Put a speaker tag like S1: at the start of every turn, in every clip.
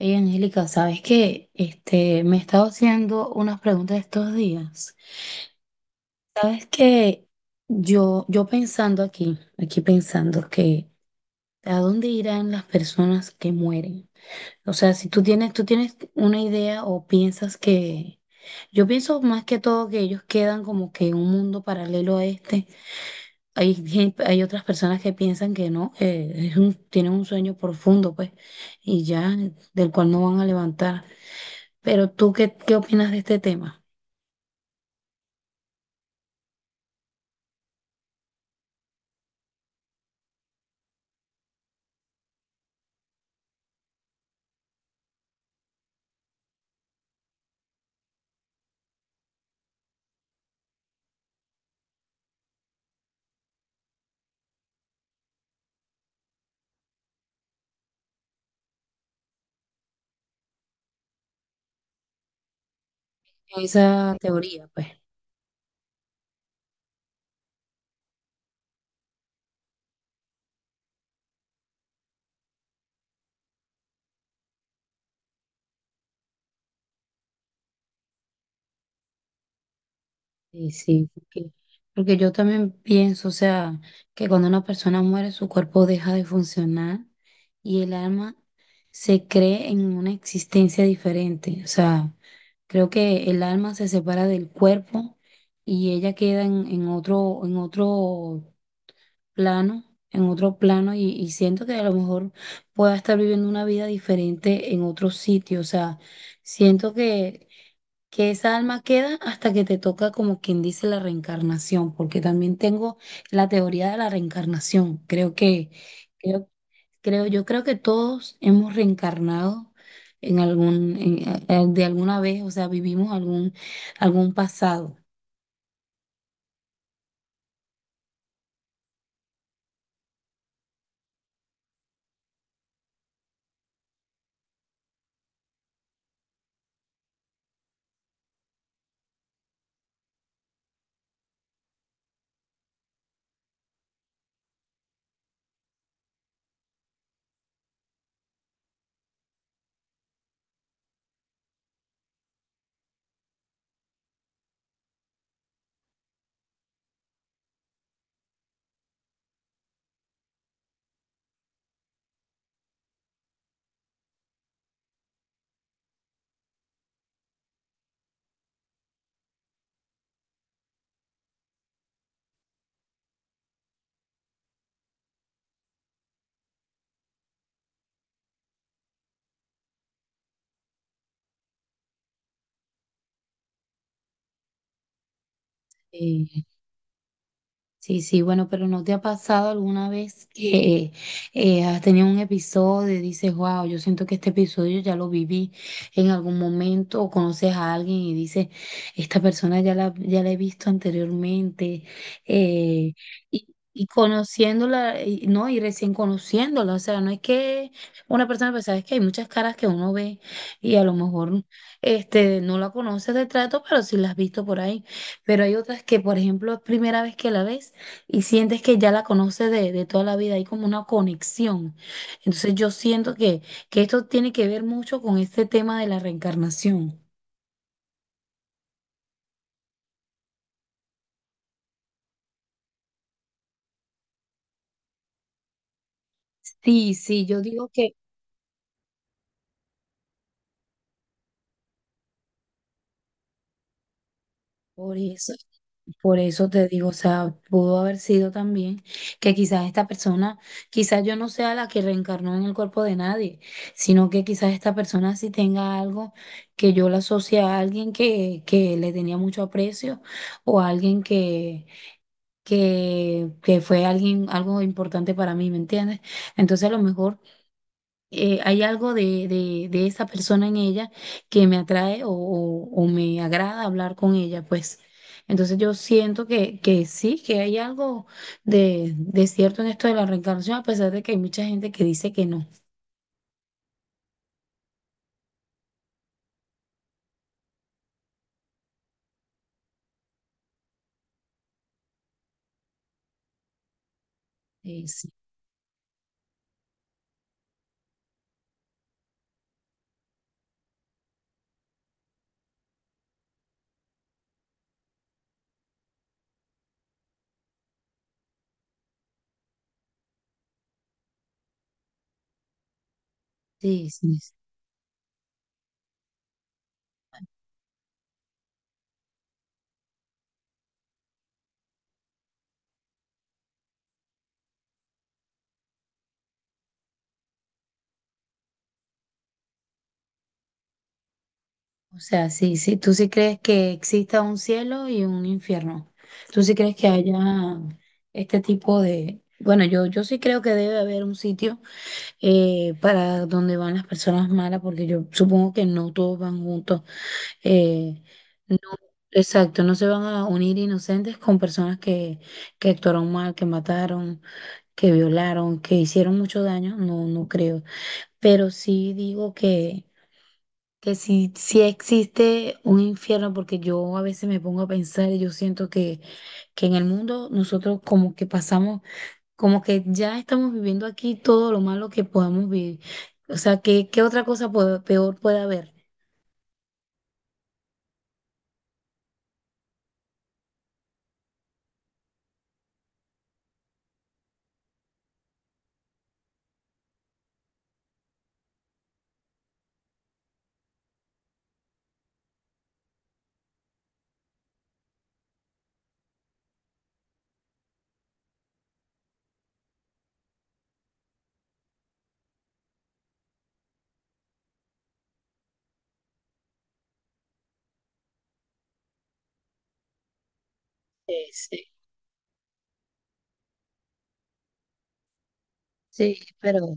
S1: Hey, Angélica, ¿sabes qué? Me he estado haciendo unas preguntas estos días. ¿Sabes qué? Yo pensando aquí, aquí pensando que ¿a dónde irán las personas que mueren? O sea, si tú tienes una idea o piensas que, yo pienso más que todo que ellos quedan como que en un mundo paralelo a este. Hay otras personas que piensan que no, que tienen un sueño profundo, pues, y ya, del cual no van a levantar. Pero tú, ¿qué opinas de este tema? Esa teoría, pues. Sí, sí, porque yo también pienso, o sea, que cuando una persona muere, su cuerpo deja de funcionar y el alma se cree en una existencia diferente. O sea, creo que el alma se separa del cuerpo y ella queda plano, en otro plano y siento que a lo mejor pueda estar viviendo una vida diferente en otro sitio. O sea, siento que esa alma queda hasta que te toca como quien dice la reencarnación, porque también tengo la teoría de la reencarnación. Creo que, creo, creo, yo creo que todos hemos reencarnado en algún, de alguna vez, o sea, vivimos algún pasado. Eh, Sí, sí, bueno, pero ¿no te ha pasado alguna vez que has tenido un episodio y dices, wow, yo siento que este episodio ya lo viví en algún momento, o conoces a alguien y dices, esta persona ya la, he visto anteriormente, eh, y, y conociéndola, no, y recién conociéndola, o sea, no es que una persona, pues sabes que hay muchas caras que uno ve y a lo mejor no la conoces de trato, pero sí la has visto por ahí. Pero hay otras que, por ejemplo, es primera vez que la ves y sientes que ya la conoces de toda la vida, hay como una conexión. Entonces yo siento que esto tiene que ver mucho con este tema de la reencarnación. Sí, sí, yo digo que por eso, por eso te digo, o sea, pudo haber sido también que quizás esta persona, quizás yo no sea la que reencarnó en el cuerpo de nadie, sino que quizás esta persona sí tenga algo que yo la asocie a alguien que le tenía mucho aprecio o a alguien que que fue alguien, algo importante para mí, ¿me entiendes? Entonces a lo mejor hay algo de esa persona en ella que me atrae o me agrada hablar con ella, pues. Entonces yo siento que sí, que hay algo de cierto en esto de la reencarnación, a pesar de que hay mucha gente que dice que no. Eh, sí, sí, sí. O sea, sí, sí, tú sí crees que exista un cielo y un infierno. Tú sí crees que haya este tipo de... Bueno, yo sí creo que debe haber un sitio para donde van las personas malas, porque yo supongo que no todos van juntos. eh, no, exacto, no se van a unir inocentes con personas que actuaron mal, que mataron, que violaron, que hicieron mucho daño. No, no creo. Pero sí digo que si existe un infierno, porque yo a veces me pongo a pensar y yo siento que en el mundo nosotros como que pasamos, como que ya estamos viviendo aquí todo lo malo que podamos vivir. O sea, ¿qué otra cosa peor puede haber? Sí, sí. Sí, pero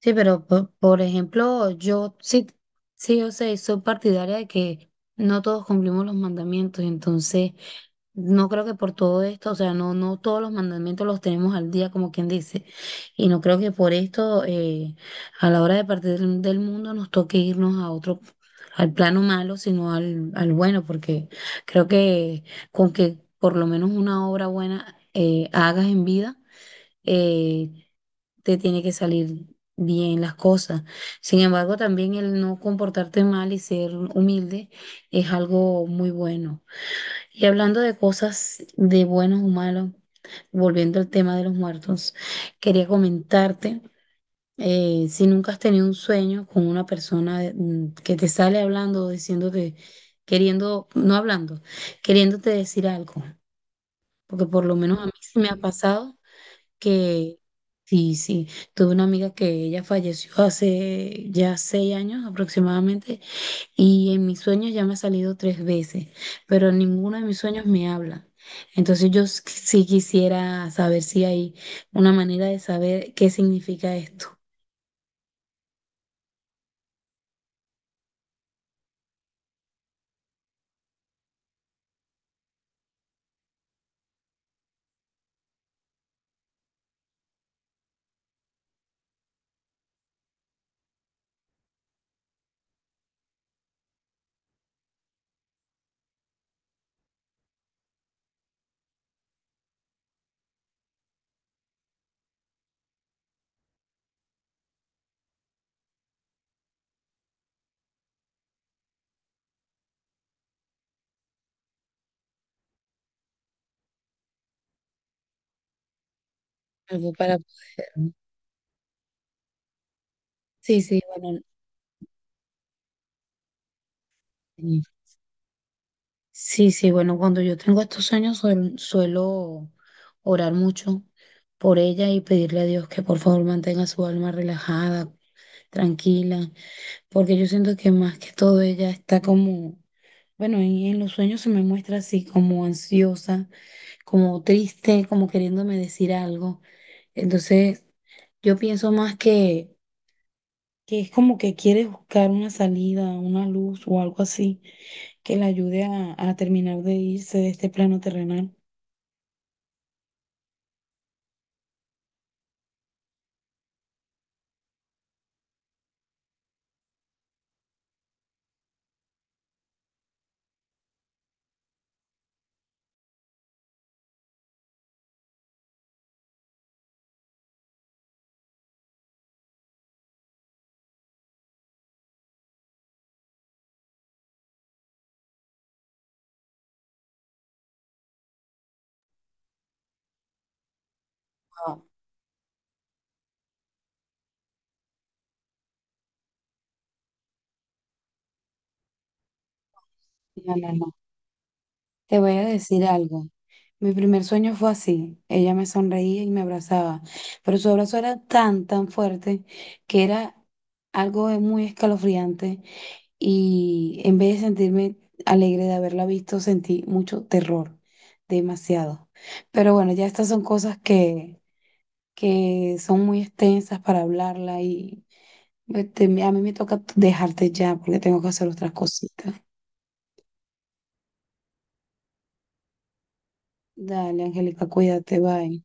S1: Sí, pero por ejemplo, yo sí, sí, o sea, soy partidaria de que no todos cumplimos los mandamientos, entonces no creo que por todo esto, o sea, no, no todos los mandamientos los tenemos al día, como quien dice, y no creo que por esto a la hora de partir del mundo nos toque irnos a otro, al plano malo, sino al bueno, porque creo que con que por lo menos una obra buena hagas en vida. eh, Te tiene que salir bien las cosas. Sin embargo, también el no comportarte mal y ser humilde es algo muy bueno. Y hablando de cosas de buenos o malos, volviendo al tema de los muertos, quería comentarte. Si nunca has tenido un sueño con una persona que te sale hablando, o diciéndote, queriendo, no hablando, queriéndote decir algo, porque por lo menos a mí sí me ha pasado que sí, sí, tuve una amiga que ella falleció hace ya 6 años aproximadamente y en mis sueños ya me ha salido 3 veces, pero ninguno de mis sueños me habla. Entonces yo sí quisiera saber si hay una manera de saber qué significa esto. Algo para poder. Sí, sí, bueno. Sí, sí, sí, bueno, cuando yo tengo estos sueños suelo orar mucho por ella y pedirle a Dios que por favor mantenga su alma relajada, tranquila, porque yo siento que más que todo ella está como, bueno, y en los sueños se me muestra así como ansiosa, como triste, como queriéndome decir algo. Entonces, yo pienso más que es como que quiere buscar una salida, una luz o algo así que la ayude a terminar de irse de este plano terrenal. No, no, no, no. Te voy a decir algo. Mi primer sueño fue así. Ella me sonreía y me abrazaba, pero su abrazo era tan, tan fuerte que era algo de muy escalofriante y en vez de sentirme alegre de haberla visto, sentí mucho terror, demasiado. Pero bueno, ya estas son cosas que son muy extensas para hablarla y a mí me toca dejarte ya porque tengo que hacer otras cositas. Dale, Angélica, cuídate, bye.